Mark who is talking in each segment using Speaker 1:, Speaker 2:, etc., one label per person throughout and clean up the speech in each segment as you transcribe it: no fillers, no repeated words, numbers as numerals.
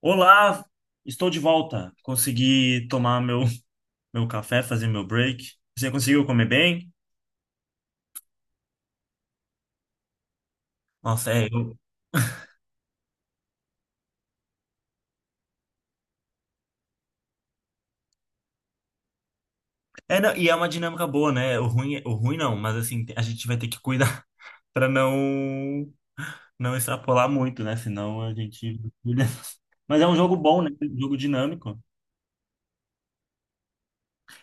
Speaker 1: Olá, estou de volta. Consegui tomar meu café, fazer meu break. Você conseguiu comer bem? Nossa, é, eu... É, não, e é uma dinâmica boa, né? O ruim não, mas assim, a gente vai ter que cuidar para não extrapolar muito, né? Senão a gente. Mas é um jogo bom, né? Um jogo dinâmico.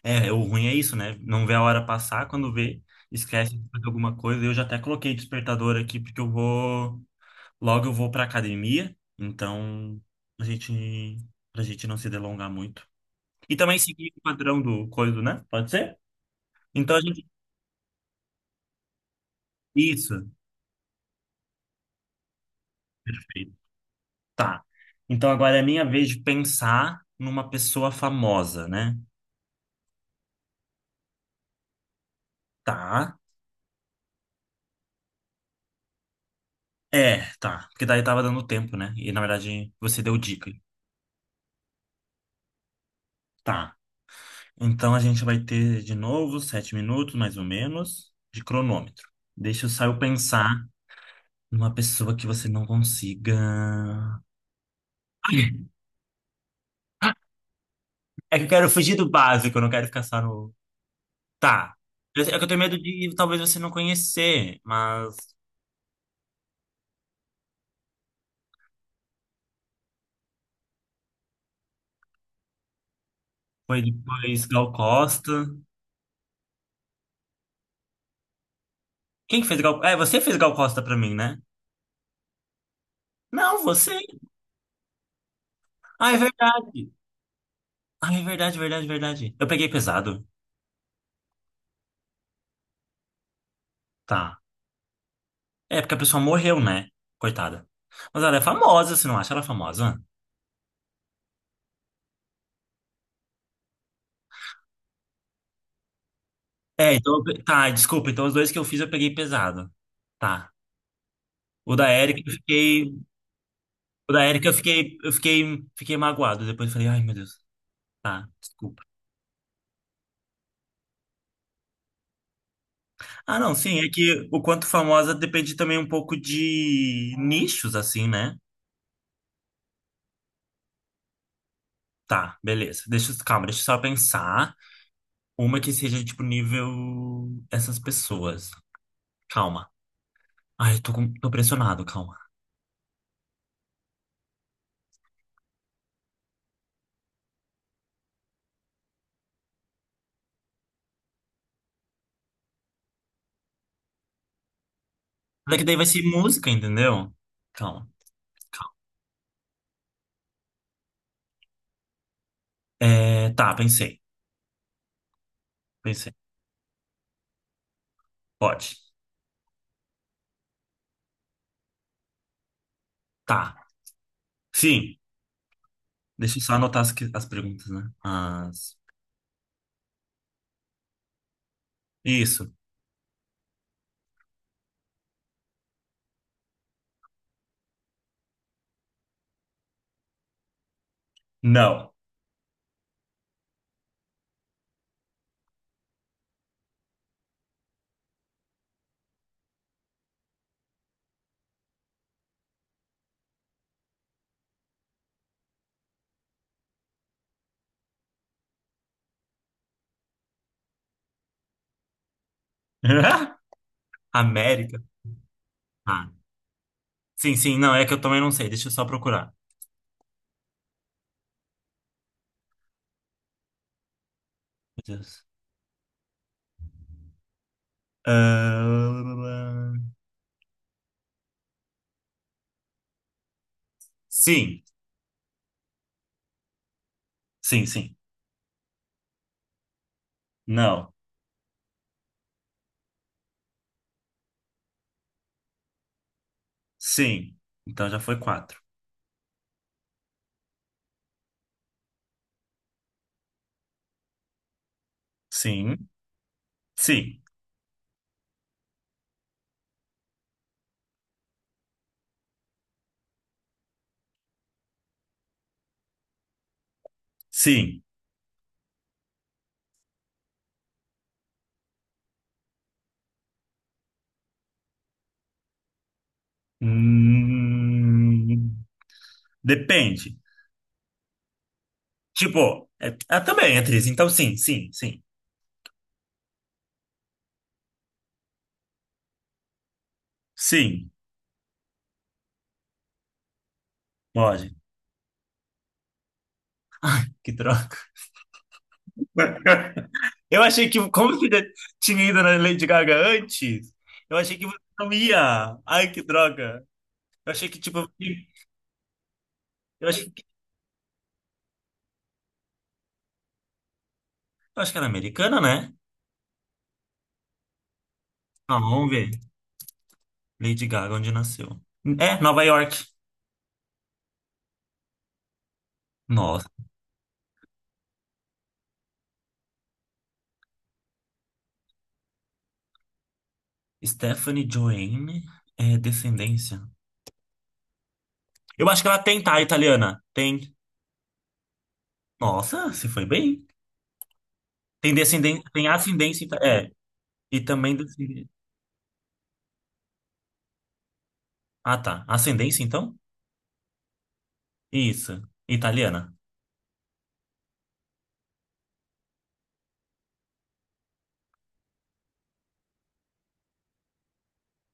Speaker 1: É, o ruim é isso, né? Não vê a hora passar, quando vê, esquece de fazer alguma coisa. Eu já até coloquei despertador aqui, porque eu vou. Logo eu vou para academia, então a gente pra gente não se delongar muito. E também seguir o padrão do coisa, né? Pode ser? Então a gente isso, perfeito. Tá. Então agora é minha vez de pensar numa pessoa famosa, né? Tá. É, tá. Porque daí tava dando tempo, né? E na verdade você deu dica. Tá. Então a gente vai ter de novo 7 minutos, mais ou menos, de cronômetro. Deixa eu só eu pensar numa pessoa que você não consiga. É que eu quero fugir do básico, eu não quero ficar só no. Tá. É que eu tenho medo de talvez você não conhecer, mas foi depois Gal Costa. Quem que fez Gal... É, você fez Gal Costa pra mim, né? Não, você. Ah, é verdade. Ah, é verdade, verdade, verdade. Eu peguei pesado. Tá. É, porque a pessoa morreu, né? Coitada. Mas ela é famosa, você não acha ela famosa? É, então, tá, desculpa. Então os dois que eu fiz eu peguei pesado. Tá. O da Erika eu fiquei. O da Erika eu fiquei. Eu fiquei. Fiquei magoado. Depois eu falei, ai meu Deus. Ah, desculpa. Ah, não, sim, é que o quanto famosa depende também um pouco de nichos, assim, né? Tá, beleza. Calma, deixa eu só pensar. Uma que seja, tipo, nível essas pessoas. Calma. Ai, eu tô pressionado, calma. Daqui daí vai ser música, entendeu? Calma, é, tá, pensei. Pensei. Pode. Tá. Sim. Deixa eu só anotar as perguntas, né? As... Isso. Não. América. Ah, sim, sim, não, é que eu também não sei. Deixa eu só procurar. Meu Deus. Ah, sim, sim, sim. Não. Sim. Então já foi quatro. Sim, sim, sim. Hum, depende. Tipo, é, ah, também é atriz. Então sim, sim, sim. Sim, pode. Que troca. Eu achei que, como você já tinha ido na Lady Gaga antes, eu achei que você não ia. Ai, que droga. Eu achei que, tipo, eu achei eu acho que era americana, né? Ah, vamos ver. Lady Gaga, onde nasceu? É, Nova York. Nossa. Stephanie Joanne é descendência. Eu acho que ela tem, tá, italiana? Tem. Nossa, se foi bem. Tem descendência, tem ascendência, é. E também descendência. Ah, tá. Ascendência, então? Isso. Italiana.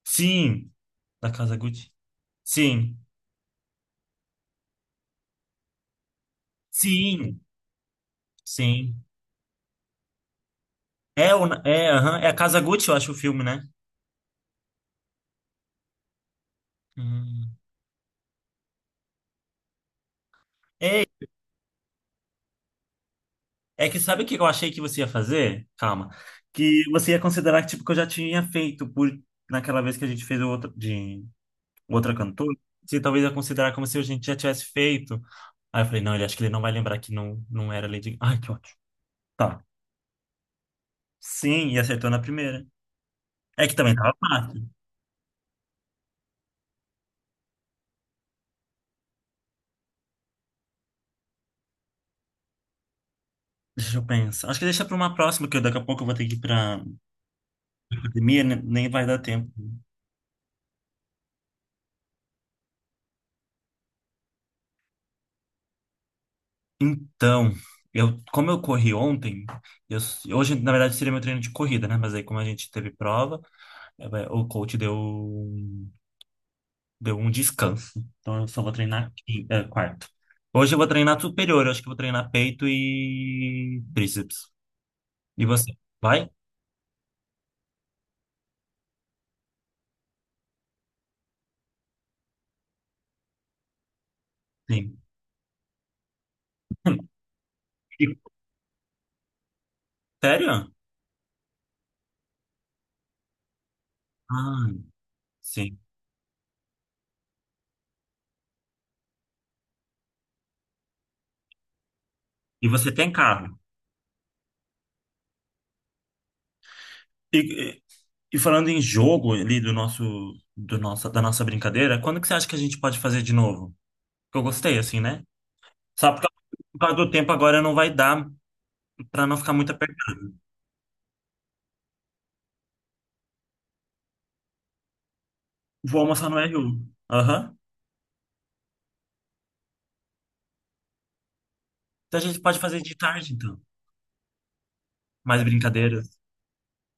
Speaker 1: Sim. Da Casa Gucci. Sim. Sim. Sim. É, é, aham. É a Casa Gucci, eu acho, o filme, né? Hum. É É que sabe o que eu achei que você ia fazer? Calma. Que você ia considerar que, tipo, que eu já tinha feito por naquela vez que a gente fez o outro, de outra cantora. Você talvez ia considerar como se a gente já tivesse feito. Aí eu falei, não, ele acho que ele não vai lembrar que não, não era Lady Gaga. Ai, que ótimo. Tá. Sim, e acertou na primeira. É que também tava fácil. Deixa eu pensar. Acho que deixa pra uma próxima, que eu daqui a pouco eu vou ter que ir pra academia, né? Nem vai dar tempo. Então, eu, como eu corri ontem, eu, hoje na verdade seria meu treino de corrida, né? Mas aí como a gente teve prova, o coach deu, deu um descanso. Então eu só vou treinar quarto. Hoje eu vou treinar superior, eu acho que eu vou treinar peito e tríceps. E você? Vai? Sim. E- Sério? Ah, sim. E você tem carro? E, e- e falando em jogo ali do nosso, do nossa, da nossa brincadeira, quando que você acha que a gente pode fazer de novo? Que eu gostei, assim, né? Só por causa do tempo agora não vai dar pra não ficar muito apertado. Vou almoçar no RU. Aham. Então a gente pode fazer de tarde, então. Mais brincadeiras.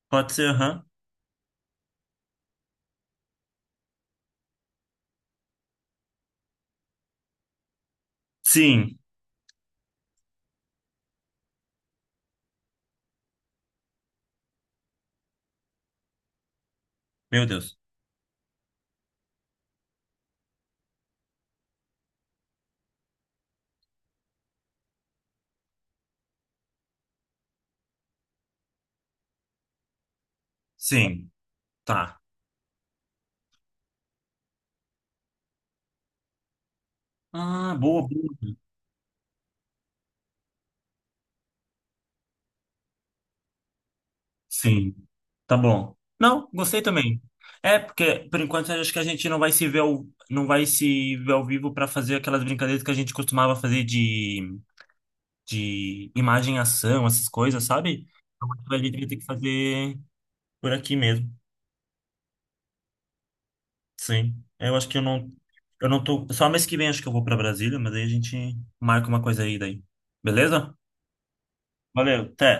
Speaker 1: Pode ser, aham. Sim. Meu Deus. Sim. Tá. Ah, boa, boa. Sim. Tá bom. Não, gostei também. É, porque por enquanto eu acho que a gente não vai se ver ao vivo pra fazer aquelas brincadeiras que a gente costumava fazer de imagem e ação, essas coisas, sabe? Então, a gente vai ter que fazer por aqui mesmo. Sim. Eu acho que eu não. Eu não tô. Só mês que vem acho que eu vou pra Brasília, mas aí a gente marca uma coisa aí daí. Beleza? Valeu, até.